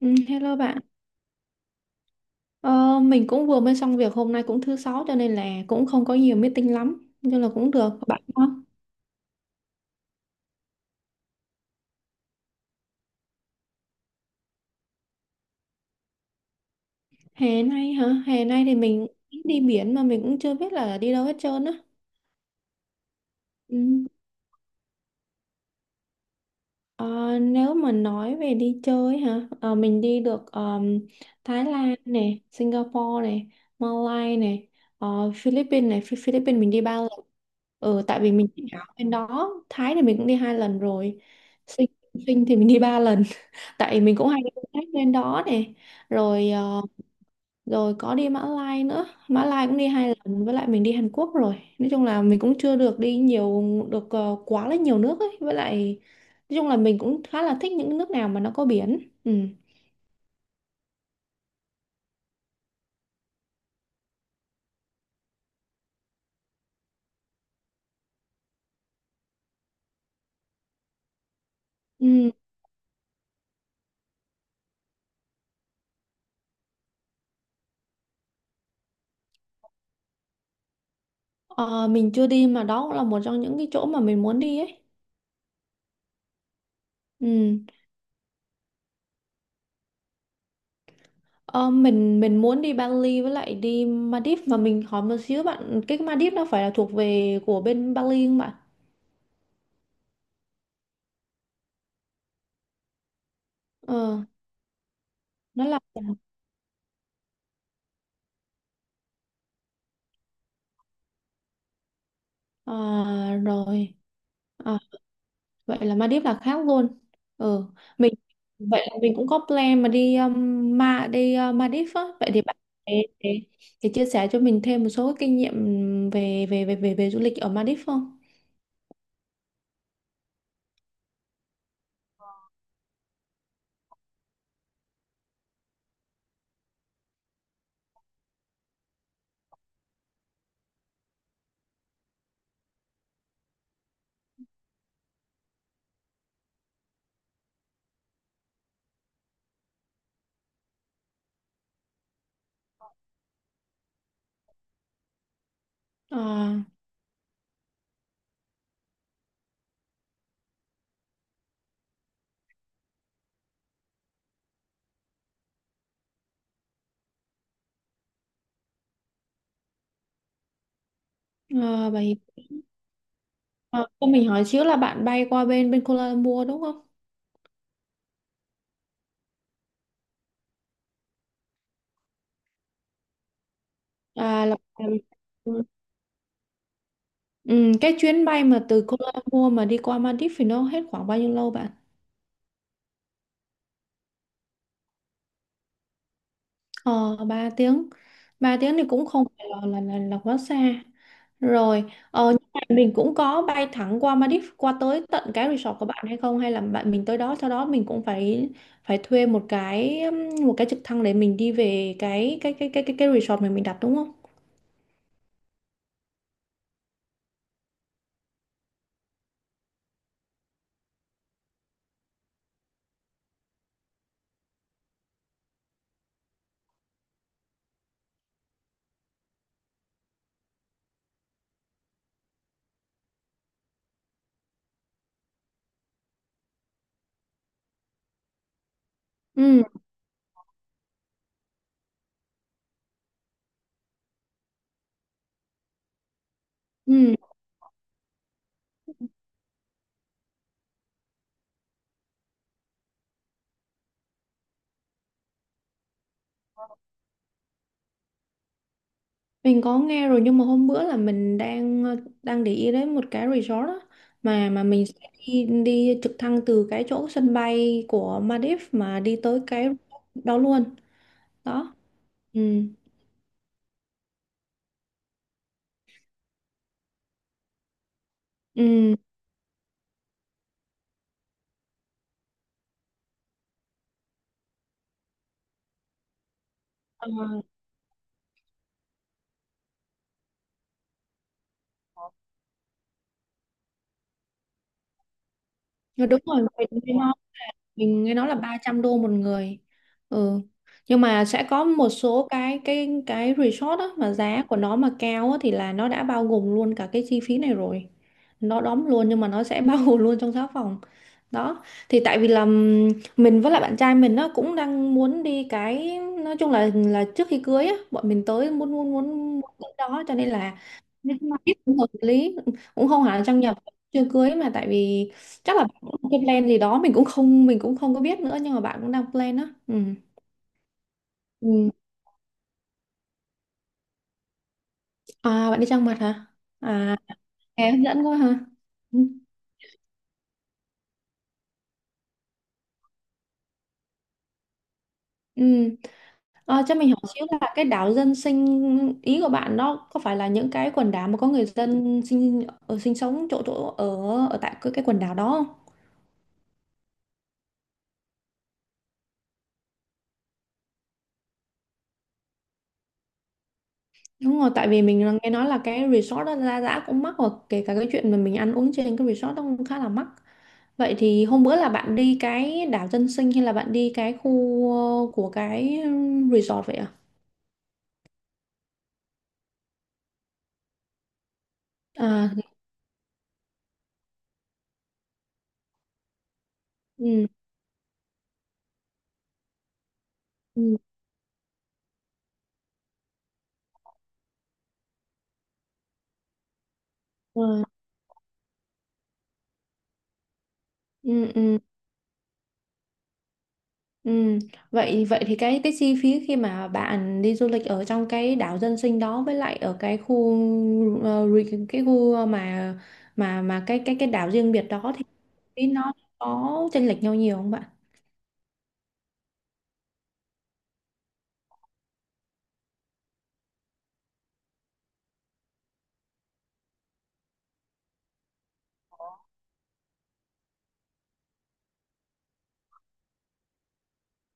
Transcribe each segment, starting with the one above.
Ừ, hello bạn, ờ, mình cũng vừa mới xong việc, hôm nay cũng thứ sáu cho nên là cũng không có nhiều meeting lắm, nhưng là cũng được bạn không? Hè nay hả? Hè nay thì mình đi biển mà mình cũng chưa biết là đi đâu hết trơn á. Ừ. Ờ, nếu mà nói về đi chơi hả? Ờ, mình đi được Thái Lan này, Singapore này, Malaysia này, ờ, Philippines này. Philippines mình đi ba lần. Ừ, tại vì mình chỉ ở bên đó. Thái thì mình cũng đi hai lần rồi. Sinh, Sinh thì mình đi ba lần. Tại mình cũng hay đi công tác lên đó này rồi, rồi có đi Mã Lai nữa, Mã Lai cũng đi hai lần, với lại mình đi Hàn Quốc. Rồi nói chung là mình cũng chưa được đi nhiều, được quá là nhiều nước ấy. Với lại nói chung là mình cũng khá là thích những nước nào mà nó có biển, ừ. Ừ. Ờ, mình chưa đi, mà đó cũng là một trong những cái chỗ mà mình muốn đi ấy, ừ. Ờ, mình muốn đi Bali với lại đi Maldives. Mà mình hỏi một xíu bạn, cái Maldives nó phải là thuộc về của bên Bali không bạn? Ờ, nó là. Ờ, rồi. Ờ, vậy là Maldives là khác luôn. Ừ, mình, vậy là mình cũng có plan mà đi ma đi Maldives á. Vậy thì bạn để, để, để chia sẻ cho mình thêm một số kinh nghiệm về về về về, về du lịch ở Maldives không? À, à, vậy à, cho mình hỏi xíu là bạn bay qua bên bên Kuala Lumpur đúng không? À là, ừ, cái chuyến bay mà từ Kuala Lumpur mà đi qua Maldives thì nó hết khoảng bao nhiêu lâu bạn? Ờ, 3 tiếng. Ba tiếng thì cũng không phải là, quá xa. Rồi, ờ, nhưng mà mình cũng có bay thẳng qua Maldives qua tới tận cái resort của bạn hay không, hay là bạn mình tới đó sau đó mình cũng phải, phải thuê một cái trực thăng để mình đi về cái resort mà mình đặt đúng không? Ừ, ừ. Mình có nghe rồi, nhưng mà hôm bữa là mình đang ờ, đang để ý đến một cái resort á, mà mình sẽ đi, đi trực thăng từ cái chỗ sân bay của Maldives mà đi tới cái đó luôn. Đó. Ừ. Ừ. Ờ, đúng rồi. Mình- mình nghe nói là 300 đô một người, ừ. Nhưng mà sẽ có một số cái resort á mà giá của nó mà cao á, thì là nó đã bao gồm luôn cả cái chi phí này rồi, nó đóng luôn, nhưng mà nó sẽ bao gồm luôn trong giá phòng. Đó thì tại vì là mình với lại bạn trai mình nó cũng đang muốn đi cái, nói chung là trước khi cưới á, bọn mình tới muốn muốn muốn muốn tới đó cho nên là nên mà biết cũng hợp lý. Cũng không hẳn là trang nhập, chưa cưới mà, tại vì chắc là cái plan gì đó, mình cũng không có biết nữa, nhưng mà bạn cũng đang plan á, ừ. Ừ. À, bạn đi trang mật hả? À, nghe hấp dẫn quá hả, ừ. Ừ. À, cho mình hỏi xíu là cái đảo dân sinh ý của bạn đó có phải là những cái quần đảo mà có người dân sinh ở, sinh sống, chỗ chỗ ở ở tại cái quần đảo đó? Đúng rồi, tại vì mình là nghe nói là cái resort đó giá, giá cũng mắc, và kể cả cái chuyện mà mình ăn uống trên cái resort đó cũng khá là mắc. Vậy thì hôm bữa là bạn đi cái đảo dân sinh hay là bạn đi cái khu ờ, của cái resort vậy à? À, ừ, ừ, ừ, ừ, ừ. Ừ. Vậy vậy thì cái chi phí khi mà bạn đi du lịch ở trong cái đảo dân sinh đó với lại ở cái khu cái khu mà cái đảo riêng biệt đó thì nó có chênh lệch nhau nhiều không bạn?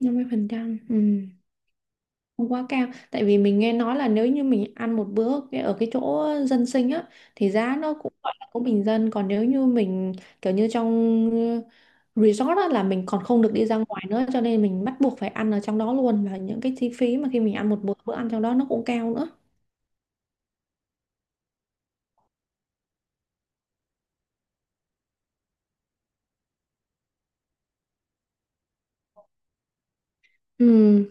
50%, ừ. Không quá cao, tại vì mình nghe nói là nếu như mình ăn một bữa ở cái chỗ dân sinh á thì giá nó cũng gọi là cũng bình dân. Còn nếu như mình kiểu như trong ờ, resort á là mình còn không được đi ra ngoài nữa, cho nên mình bắt buộc phải ăn ở trong đó luôn, và những cái chi phí mà khi mình ăn một bữa, bữa ăn trong đó nó cũng cao nữa. Ừ,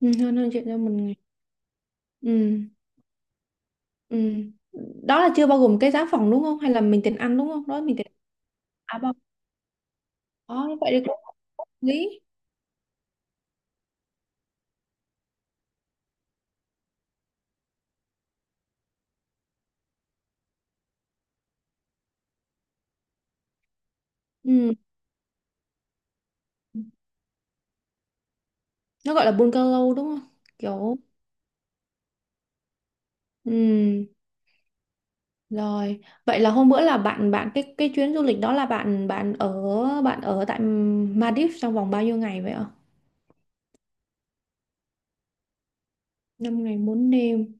ừ, hơn hơn chuyện cho mình ngày. Ừ. Ừ, đó là chưa bao gồm cái giá phòng đúng không, hay là mình tiền ăn đúng không, đó mình tiền. À, bao. Đó vậy thì cũng hợp lý. Ừ, nó gọi là bungalow đúng không? Kiểu, ừm, rồi. Vậy là hôm bữa là bạn, bạn, cái chuyến du lịch đó là bạn bạn ở, bạn ở tại Maldives trong vòng bao nhiêu ngày vậy ạ? Năm ngày 4 đêm.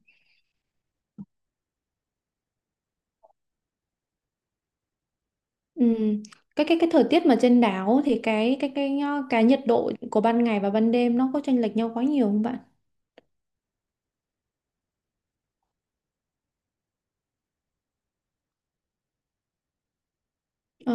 Ừm, cái thời tiết mà trên đảo thì cái nhiệt độ của ban ngày và ban đêm nó có chênh lệch nhau quá nhiều không bạn? Ờ,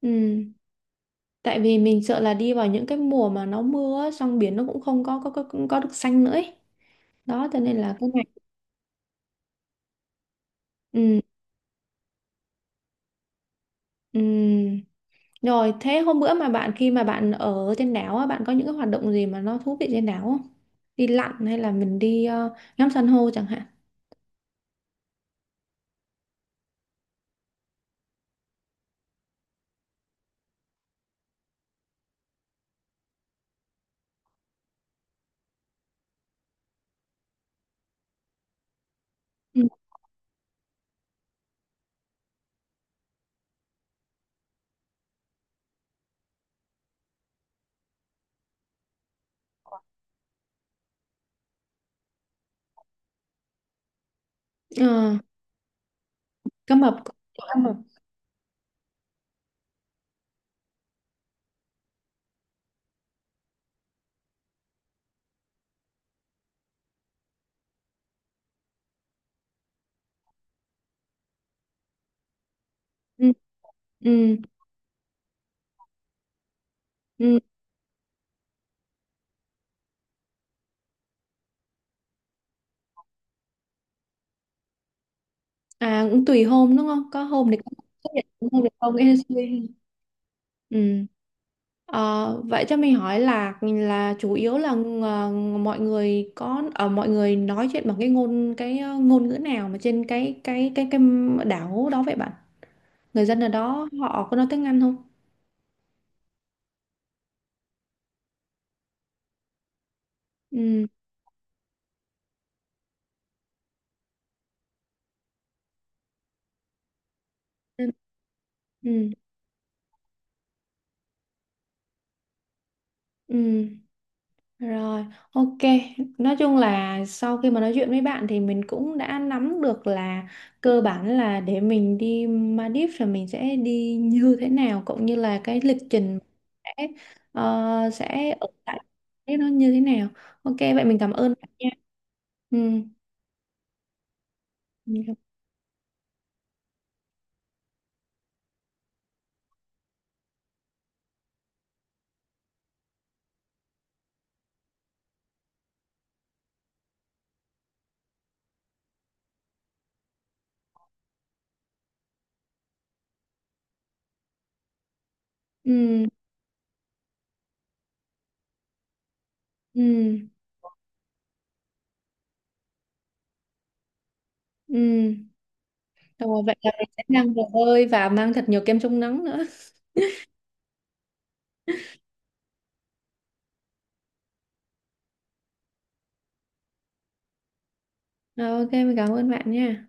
ừm. Tại vì mình sợ là đi vào những cái mùa mà nó mưa á, xong biển nó cũng không có có, có có được xanh nữa ấy. Đó cho nên là cái này, ừ, ừ. Rồi, thế hôm bữa mà bạn, khi mà bạn ở trên đảo á, bạn có những cái hoạt động gì mà nó thú vị trên đảo không? Đi lặn hay là mình đi ờ, ngắm san hô chẳng hạn? Ừ. Ờ, cá mập. Chỗ cá mập. Ừ, ừ, ừ. À, cũng tùy hôm đúng không? Có hôm thì có xuất hiện, có hôm thì không. Ê, suy. Ừ. Ờ, vậy cho mình hỏi là chủ yếu là ờ, mọi người có ở, mọi người nói chuyện bằng cái ngôn, cái ờ, ngôn ngữ nào mà trên cái đảo đó vậy bạn? Người dân ở đó họ có nói tiếng Anh không? Ừ, ừ, ừ, ừ. Rồi, ok, nói chung là sau khi mà nói chuyện với bạn thì mình cũng đã nắm được là cơ bản là để mình đi Maldives là mình sẽ đi như thế nào, cũng như là cái lịch trình sẽ ờ, sẽ ở tại cái nó như thế nào. Ok, vậy mình cảm ơn bạn nha. Ừ, mình cảm- ừ, ừ, ừ, rồi, vậy là mình sẽ mang đồ bơi và mang thật nhiều kem chống nắng nữa. Rồi, ok, mình cảm ơn bạn nha.